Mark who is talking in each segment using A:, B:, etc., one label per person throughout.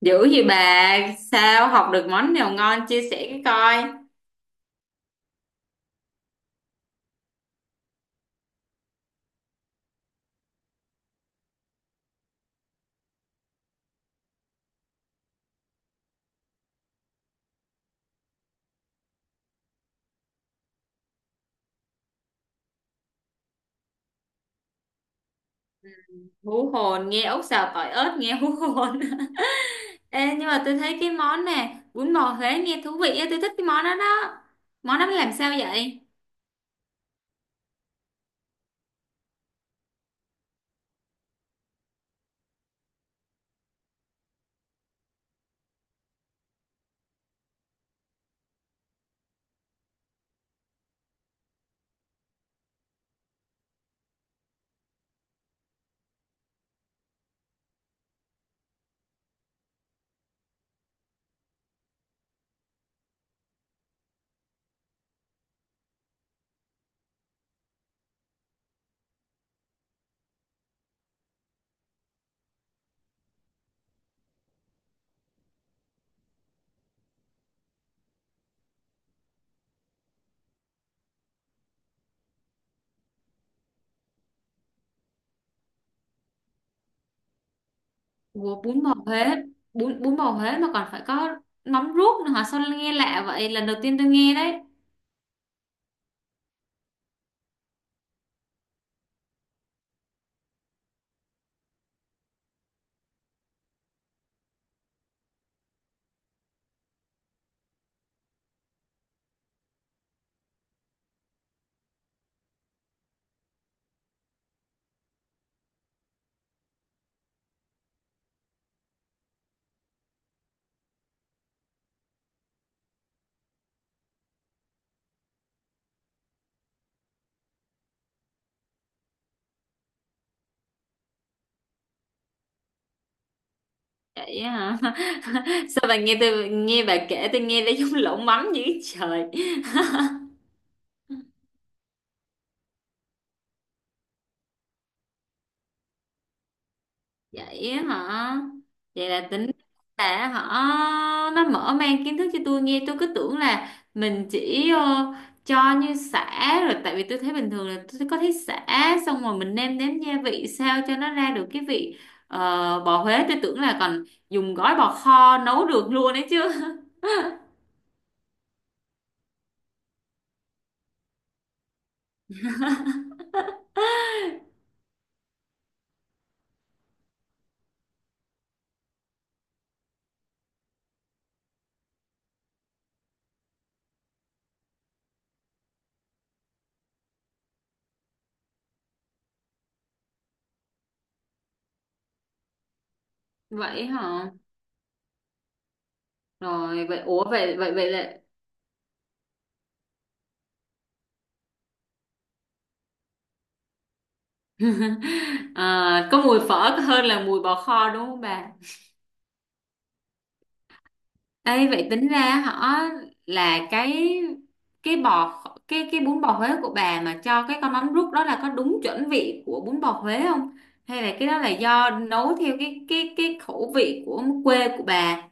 A: Dữ gì bà, sao học được món nào ngon chia sẻ cái coi. Hú hồn, nghe ốc xào tỏi ớt nghe hú hồn. Ê, nhưng mà tôi thấy cái món nè, bún bò Huế nghe thú vị á, tôi thích cái món đó đó. Món đó làm sao vậy? Ủa, bún bò Huế, bún bò Huế mà còn phải có mắm ruốc nữa hả? Sao nghe lạ vậy? Lần đầu tiên tôi nghe đấy. Vậy á hả? Sao bà nghe tôi nghe bà kể tôi nghe thấy giống lẩu mắm dữ trời. Vậy á hả? Vậy là tính là họ nó mở mang kiến thức cho tôi, nghe tôi cứ tưởng là mình chỉ cho như sả rồi, tại vì tôi thấy bình thường là tôi có thấy sả, xong rồi mình nêm nếm gia vị sao cho nó ra được cái vị ờ, bò Huế. Tôi tưởng là còn dùng gói bò kho nấu được luôn đấy chứ. Vậy hả? Rồi vậy, ủa vậy vậy vậy là Ờ, có mùi phở hơn là mùi bò kho, đúng không bà? Ê, vậy tính ra họ là cái bò cái bún bò Huế của bà mà cho cái con mắm rút đó là có đúng chuẩn vị của bún bò Huế không? Hay là cái đó là do nấu theo cái khẩu vị của quê của bà?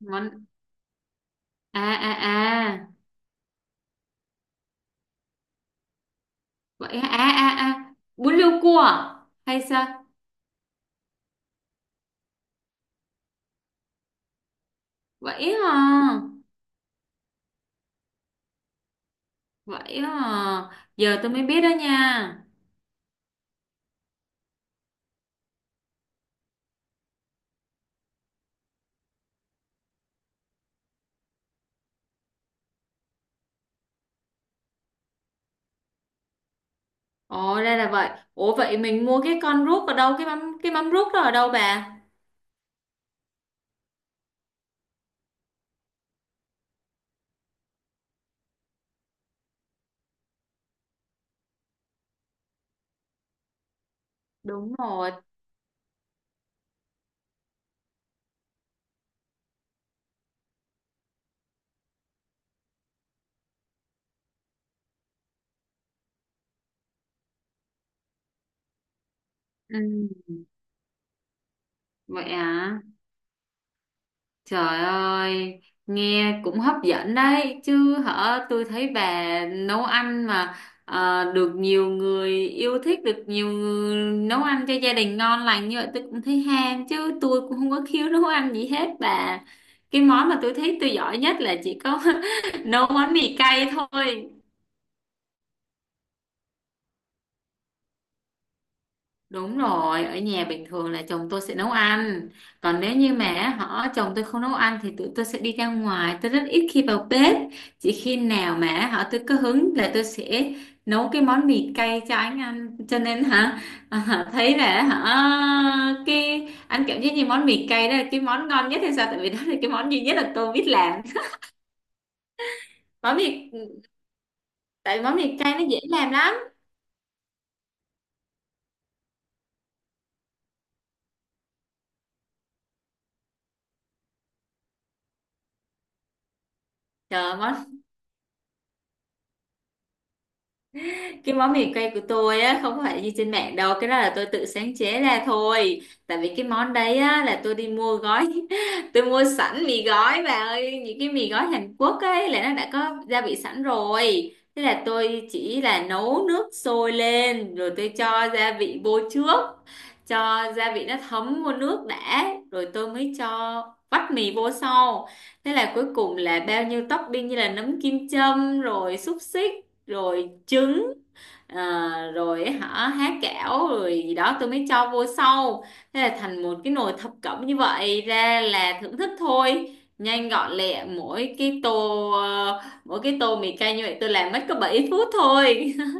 A: Món à à à vậy hả? À à à bún riêu cua à? Hay sao? Vậy hả? Vậy hả? Giờ tôi mới biết đó nha. Ồ, đây là vậy. Ủa vậy mình mua cái con rút ở đâu? Cái mắm rút đó ở đâu bà? Đúng rồi. Ừ, vậy à, trời ơi, nghe cũng hấp dẫn đấy chứ hả. Tôi thấy bà nấu ăn mà được nhiều người yêu thích, được nhiều người nấu ăn cho gia đình ngon lành như vậy, tôi cũng thấy ham chứ. Tôi cũng không có khiếu nấu ăn gì hết bà. Cái món mà tôi thấy tôi giỏi nhất là chỉ có nấu món mì cay thôi. Đúng rồi, ở nhà bình thường là chồng tôi sẽ nấu ăn. Còn nếu như mà họ chồng tôi không nấu ăn thì tụi tôi sẽ đi ra ngoài. Tôi rất ít khi vào bếp. Chỉ khi nào mà họ tôi có hứng là tôi sẽ nấu cái món mì cay cho anh ăn. Cho nên hả thấy là hả cái anh cảm giác như món mì cay đó là cái món ngon nhất hay sao? Tại vì đó là cái món duy nhất là tôi biết làm. Món mì tại vì món mì cay nó dễ làm lắm. Trời, cái món mì quay của tôi á, không phải như trên mạng đâu, cái đó là tôi tự sáng chế ra thôi, tại vì cái món đấy á là tôi đi mua gói tôi mua sẵn mì gói bà ơi, những cái mì gói Hàn Quốc ấy là nó đã có gia vị sẵn rồi, thế là tôi chỉ là nấu nước sôi lên rồi tôi cho gia vị vô trước, cho gia vị nó thấm vô nước đã rồi tôi mới cho vắt mì vô sau. Thế là cuối cùng là bao nhiêu topping như là nấm kim châm rồi xúc xích rồi trứng. À, rồi ấy hả há kẽo rồi gì đó, tôi mới cho vô sau. Thế là thành một cái nồi thập cẩm như vậy, ra là thưởng thức thôi, nhanh gọn lẹ. Mỗi cái tô mì cay như vậy tôi làm mất có 7 phút thôi.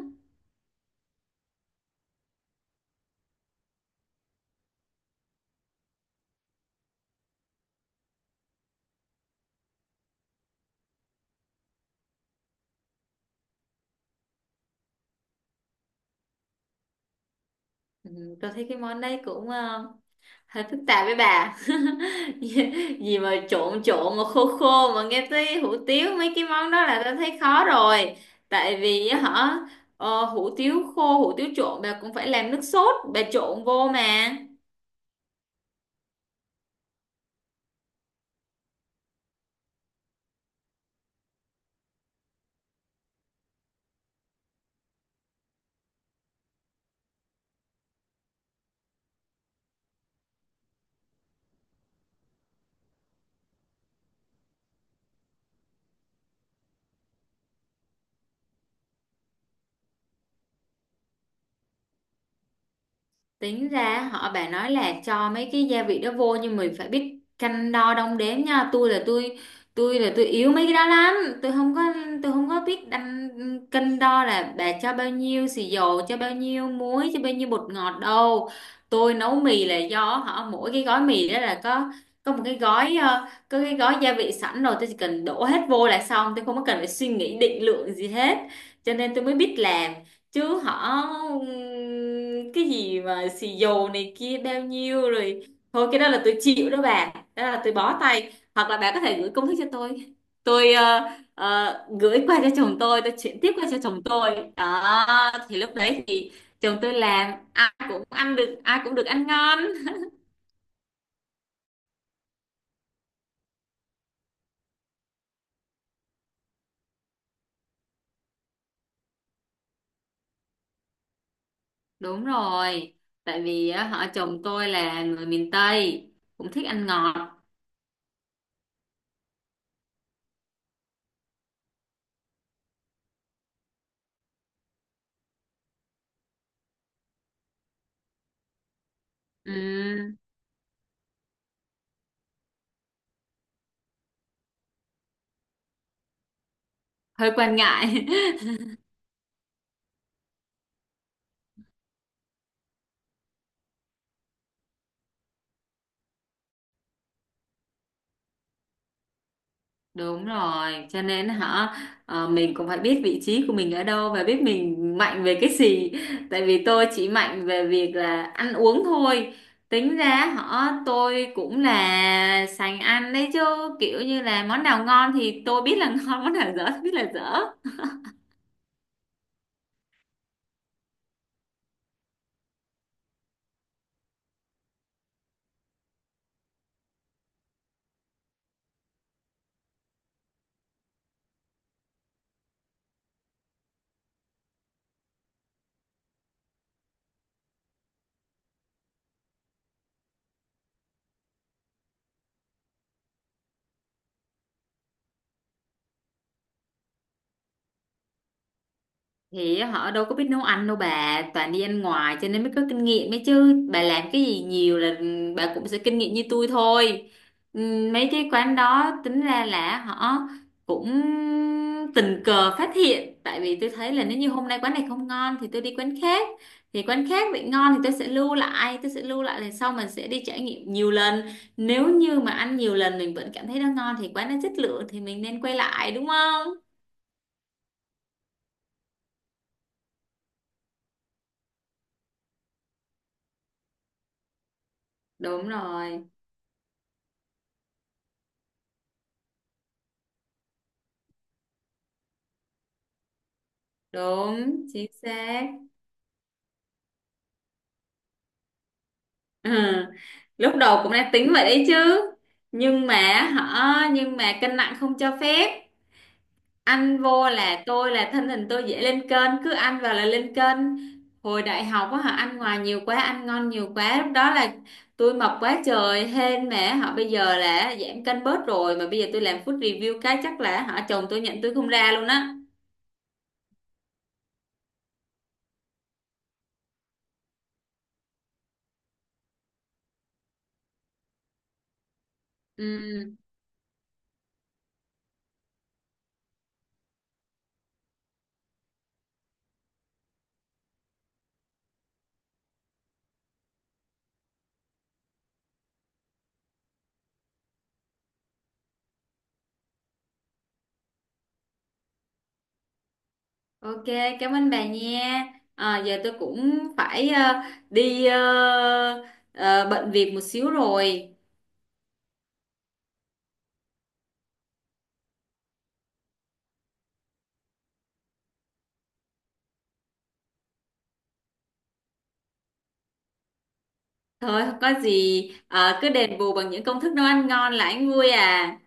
A: Ừ, tôi thấy cái món đấy cũng hơi phức tạp với bà. Gì gì mà trộn trộn mà khô khô mà, nghe tới hủ tiếu mấy cái món đó là ta thấy khó rồi. Tại vì á hả hủ tiếu khô, hủ tiếu trộn bà cũng phải làm nước sốt bà trộn vô mà. Tính ra họ bà nói là cho mấy cái gia vị đó vô nhưng mình phải biết cân đo đong đếm nha. Tôi là tôi yếu mấy cái đó lắm. Tôi không có tôi không có biết đăng cân đo là bà cho bao nhiêu xì dầu, cho bao nhiêu muối, cho bao nhiêu bột ngọt đâu. Tôi nấu mì là do họ mỗi cái gói mì đó là có một cái gói có cái gói gia vị sẵn rồi, tôi chỉ cần đổ hết vô là xong, tôi không có cần phải suy nghĩ định lượng gì hết, cho nên tôi mới biết làm. Chứ họ cái gì mà xì dầu này kia bao nhiêu rồi, thôi cái đó là tôi chịu đó bà, đó là tôi bó tay. Hoặc là bà có thể gửi công thức cho tôi gửi qua cho chồng tôi chuyển tiếp qua cho chồng tôi đó, thì lúc đấy thì chồng tôi làm ai cũng ăn được, ai cũng được ăn ngon. Đúng rồi, tại vì á, họ chồng tôi là người miền Tây, cũng thích ăn ngọt. Ừm, Hơi quan ngại. Đúng rồi, cho nên hả mình cũng phải biết vị trí của mình ở đâu và biết mình mạnh về cái gì. Tại vì tôi chỉ mạnh về việc là ăn uống thôi. Tính ra họ tôi cũng là sành ăn đấy chứ, kiểu như là món nào ngon thì tôi biết là ngon, món nào dở thì biết là dở. Thì họ đâu có biết nấu ăn đâu bà, toàn đi ăn ngoài cho nên mới có kinh nghiệm ấy chứ, bà làm cái gì nhiều là bà cũng sẽ kinh nghiệm như tôi thôi. Mấy cái quán đó tính ra là họ cũng tình cờ phát hiện, tại vì tôi thấy là nếu như hôm nay quán này không ngon thì tôi đi quán khác, thì quán khác bị ngon thì tôi sẽ lưu lại, lần sau mình sẽ đi trải nghiệm nhiều lần. Nếu như mà ăn nhiều lần mình vẫn cảm thấy nó ngon thì quán nó chất lượng, thì mình nên quay lại đúng không? Đúng rồi. Đúng chính xác. Ừ. Lúc đầu cũng đã tính vậy đấy chứ, nhưng mà cân nặng không cho phép. Ăn vô là tôi, là thân hình tôi dễ lên cân, cứ ăn vào là lên cân. Hồi đại học á họ ăn ngoài nhiều quá, ăn ngon nhiều quá, lúc đó là tôi mập quá trời. Hên mà họ bây giờ là giảm cân bớt rồi, mà bây giờ tôi làm food review cái chắc là họ chồng tôi nhận tôi không ra luôn á. Ừ. Ok, cảm ơn bà nha. À, giờ tôi cũng phải đi ờ, bận việc một xíu rồi. Thôi không có gì. Ờ, Cứ đền bù bằng những công thức nấu ăn ngon là anh vui à.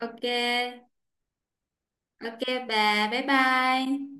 A: Ok, ok bà, bye bye.